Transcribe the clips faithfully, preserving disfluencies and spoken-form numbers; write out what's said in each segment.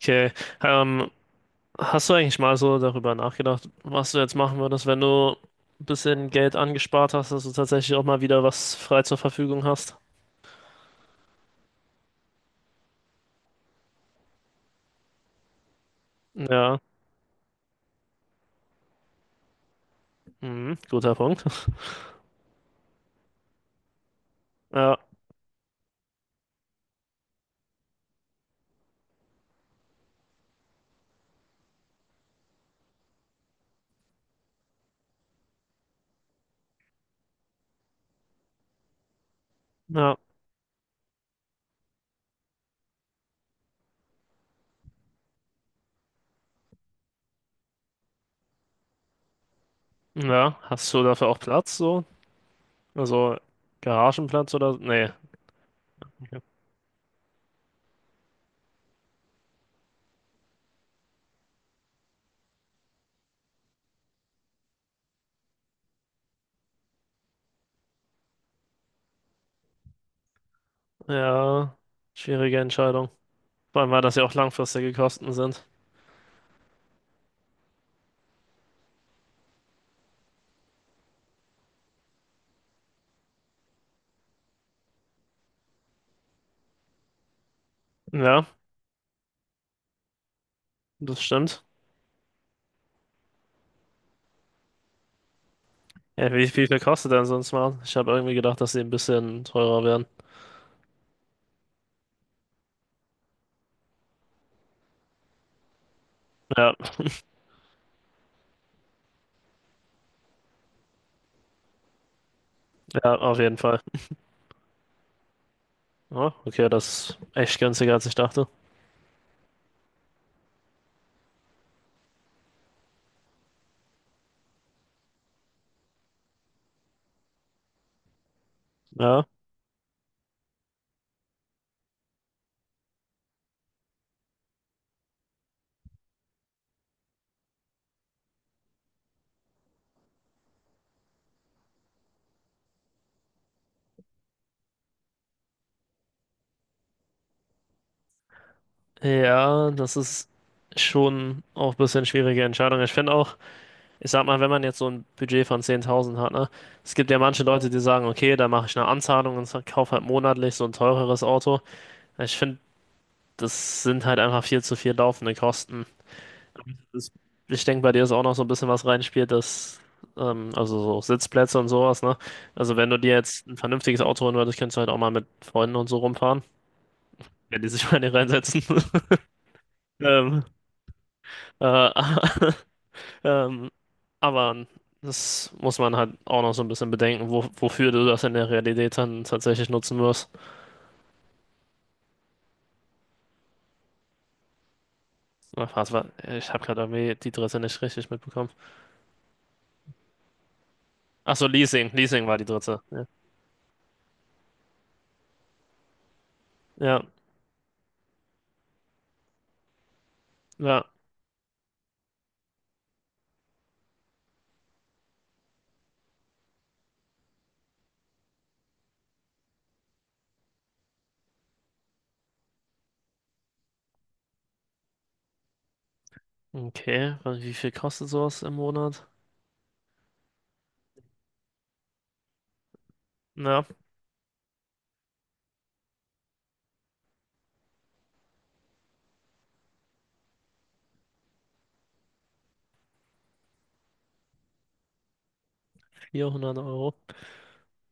Okay, ähm, hast du eigentlich mal so darüber nachgedacht, was du jetzt machen würdest, wenn du ein bisschen Geld angespart hast, dass du tatsächlich auch mal wieder was frei zur Verfügung hast? Ja, mhm, guter Punkt. Ja, ja, ja. Hast du dafür auch Platz so? Also Garagenplatz oder? Nee. Okay. Ja, schwierige Entscheidung. Vor allem, weil das ja auch langfristige Kosten sind. Ja, das stimmt. Ja, wie, wie viel kostet denn so ein Smart? Ich habe irgendwie gedacht, dass sie ein bisschen teurer wären. Ja, ja, auf jeden Fall. Ah, okay, das ist echt günstiger, als ich dachte. Ja. Ja, das ist schon auch ein bisschen schwierige Entscheidung. Ich finde auch, ich sag mal, wenn man jetzt so ein Budget von zehntausend hat, ne, es gibt ja manche Leute, die sagen, okay, da mache ich eine Anzahlung und kaufe halt monatlich so ein teureres Auto. Ich finde, das sind halt einfach viel zu viel laufende Kosten. Das, ich denke, bei dir ist auch noch so ein bisschen was reinspielt, dass, ähm, also so Sitzplätze und sowas, ne? Also wenn du dir jetzt ein vernünftiges Auto holen würdest, könntest du halt auch mal mit Freunden und so rumfahren. Wenn die sich mal nicht reinsetzen. Ähm, äh, ähm, aber das muss man halt auch noch so ein bisschen bedenken, wo, wofür du das in der Realität dann tatsächlich nutzen wirst. Ach, was war, ich habe gerade irgendwie die dritte nicht richtig mitbekommen. Ach so, Leasing. Leasing war die dritte. Ja, ja. ja. Okay, und wie viel kostet sowas im Monat? Na, vierhundert Euro.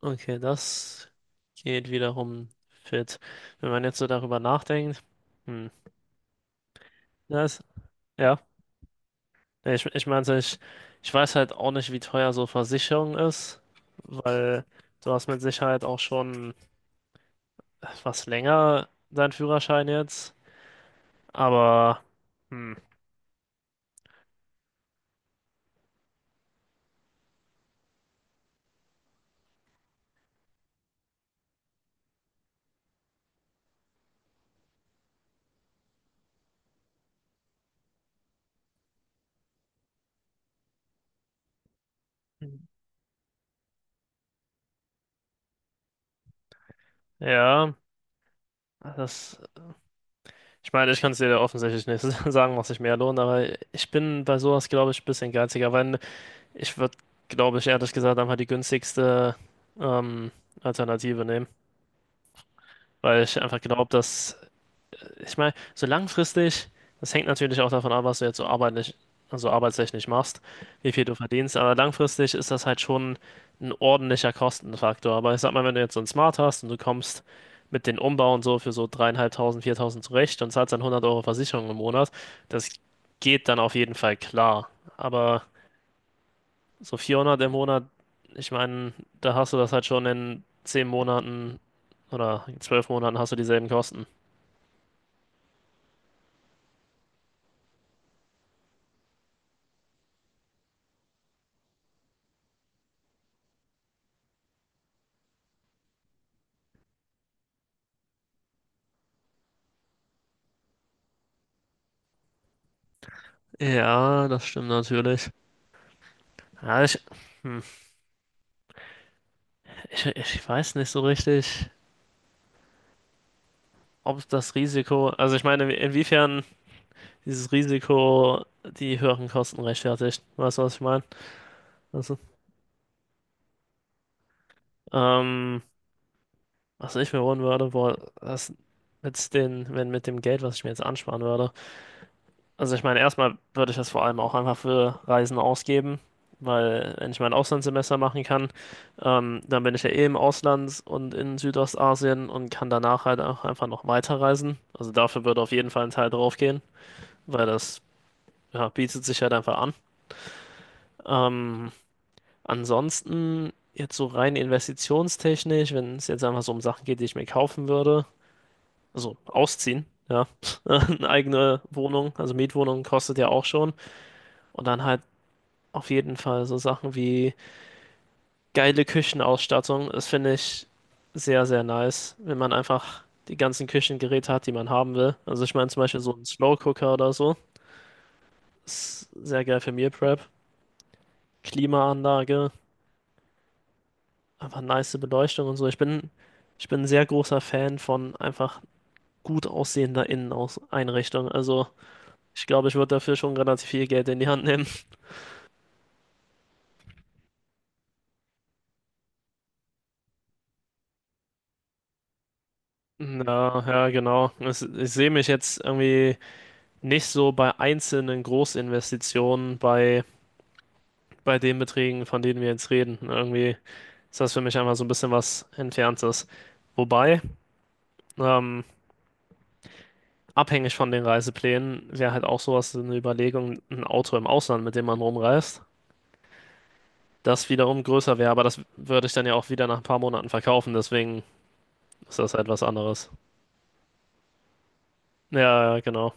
Okay, das geht wiederum fit. Wenn man jetzt so darüber nachdenkt, hm, das, ja. Nee, Ich, ich meinte, ich, ich weiß halt auch nicht, wie teuer so Versicherung ist, weil du hast mit Sicherheit auch schon etwas länger deinen Führerschein jetzt. Aber, hm, ja, das, ich meine, ich kann es dir ja offensichtlich nicht sagen, was sich mehr lohnt, aber ich bin bei sowas, glaube ich, ein bisschen geiziger, weil ich würde, glaube ich, ehrlich gesagt einfach die günstigste ähm, Alternative nehmen, weil ich einfach glaube, dass ich meine, so langfristig, das hängt natürlich auch davon ab, was du jetzt so arbeitlich, also arbeitstechnisch machst, wie viel du verdienst, aber langfristig ist das halt schon ein ordentlicher Kostenfaktor. Aber ich sag mal, wenn du jetzt so ein Smart hast und du kommst mit den Umbau und so für so dreitausendfünfhundert, viertausend zurecht und zahlst dann hundert Euro Versicherung im Monat, das geht dann auf jeden Fall klar. Aber so vierhundert im Monat, ich meine, da hast du das halt schon in zehn Monaten oder zwölf Monaten hast du dieselben Kosten. Ja, das stimmt natürlich. Ja, ich, hm, ich, ich weiß nicht so richtig, ob das Risiko, also ich meine, inwiefern dieses Risiko die höheren Kosten rechtfertigt. Weißt du, was ich meine? Also, ähm, was ich mir holen würde, boah, das mit den, wenn mit dem Geld, was ich mir jetzt ansparen würde. Also ich meine, erstmal würde ich das vor allem auch einfach für Reisen ausgeben, weil wenn ich mein Auslandssemester machen kann, ähm, dann bin ich ja eh im Ausland und in Südostasien und kann danach halt auch einfach noch weiterreisen. Also dafür würde auf jeden Fall ein Teil draufgehen, weil das ja, bietet sich halt einfach an. Ähm, ansonsten jetzt so rein investitionstechnisch, wenn es jetzt einfach so um Sachen geht, die ich mir kaufen würde, also ausziehen. Ja, eine eigene Wohnung, also Mietwohnung kostet ja auch schon. Und dann halt Auf jeden Fall so Sachen wie geile Küchenausstattung. Das finde ich sehr, sehr nice, wenn man einfach die ganzen Küchengeräte hat, die man haben will. Also ich meine zum Beispiel so ein Slow Cooker oder so. Ist sehr geil für Meal Prep. Klimaanlage, einfach nice Beleuchtung und so. Ich bin, ich bin ein sehr großer Fan von einfach gut aussehender Inneneinrichtung. Also ich glaube, ich würde dafür schon relativ viel Geld in die Hand nehmen. Ja, ja, genau. Es- Ich sehe mich jetzt irgendwie Nicht so bei einzelnen Großinvestitionen, bei, bei den Beträgen, von denen wir jetzt reden. Irgendwie ist das für mich einfach so ein bisschen was Entferntes. Wobei, ähm, abhängig von den Reiseplänen, wäre halt auch sowas eine Überlegung, ein Auto im Ausland, mit dem man rumreist, das wiederum größer wäre. Aber das würde ich dann ja auch wieder nach ein paar Monaten verkaufen, deswegen ist das halt was anderes. Ja, ja, ja, genau.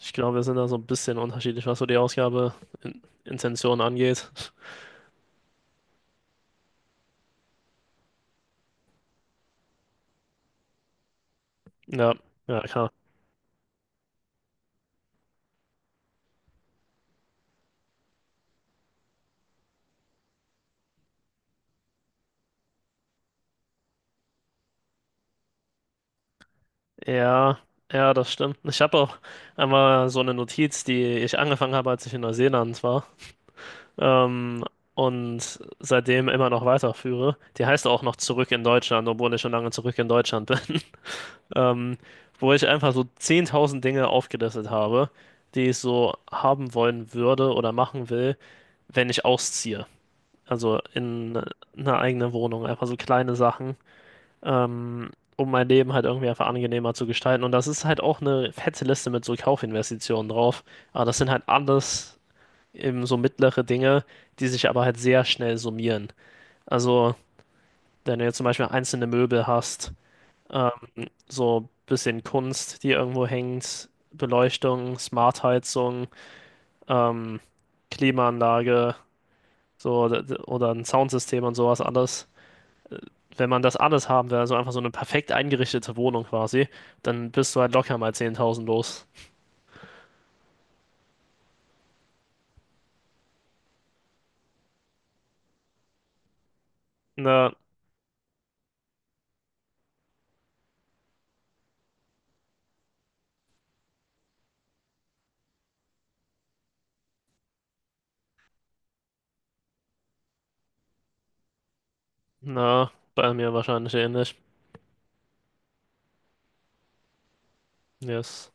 Ich glaube, wir sind da so ein bisschen unterschiedlich, was so die Ausgabe in Intention angeht. Ja, ja, klar. Ja, ja, das stimmt. Ich habe auch einmal so eine Notiz, die ich angefangen habe, als ich in Neuseeland war, ähm, und seitdem immer noch weiterführe. Die heißt auch noch Zurück in Deutschland, obwohl ich schon lange zurück in Deutschland bin, ähm, wo ich einfach so zehntausend Dinge aufgelistet habe, die ich so haben wollen würde oder machen will, wenn ich ausziehe. Also in eine eigene Wohnung, einfach so kleine Sachen ähm, um mein Leben halt irgendwie einfach angenehmer zu gestalten. Und das ist halt auch eine fette Liste mit so Kaufinvestitionen drauf. Aber das sind halt alles eben so mittlere Dinge, die sich aber halt sehr schnell summieren. Also, wenn du jetzt zum Beispiel einzelne Möbel hast, ähm, so ein bisschen Kunst, die irgendwo hängt, Beleuchtung, Smartheizung, ähm, Klimaanlage, so d- d- oder ein Soundsystem und sowas alles. Wenn man das alles haben will, also einfach so eine perfekt eingerichtete Wohnung quasi, dann bist du halt locker mal zehntausend los. Na, na, bei mir wahrscheinlich ähnlich. Yes.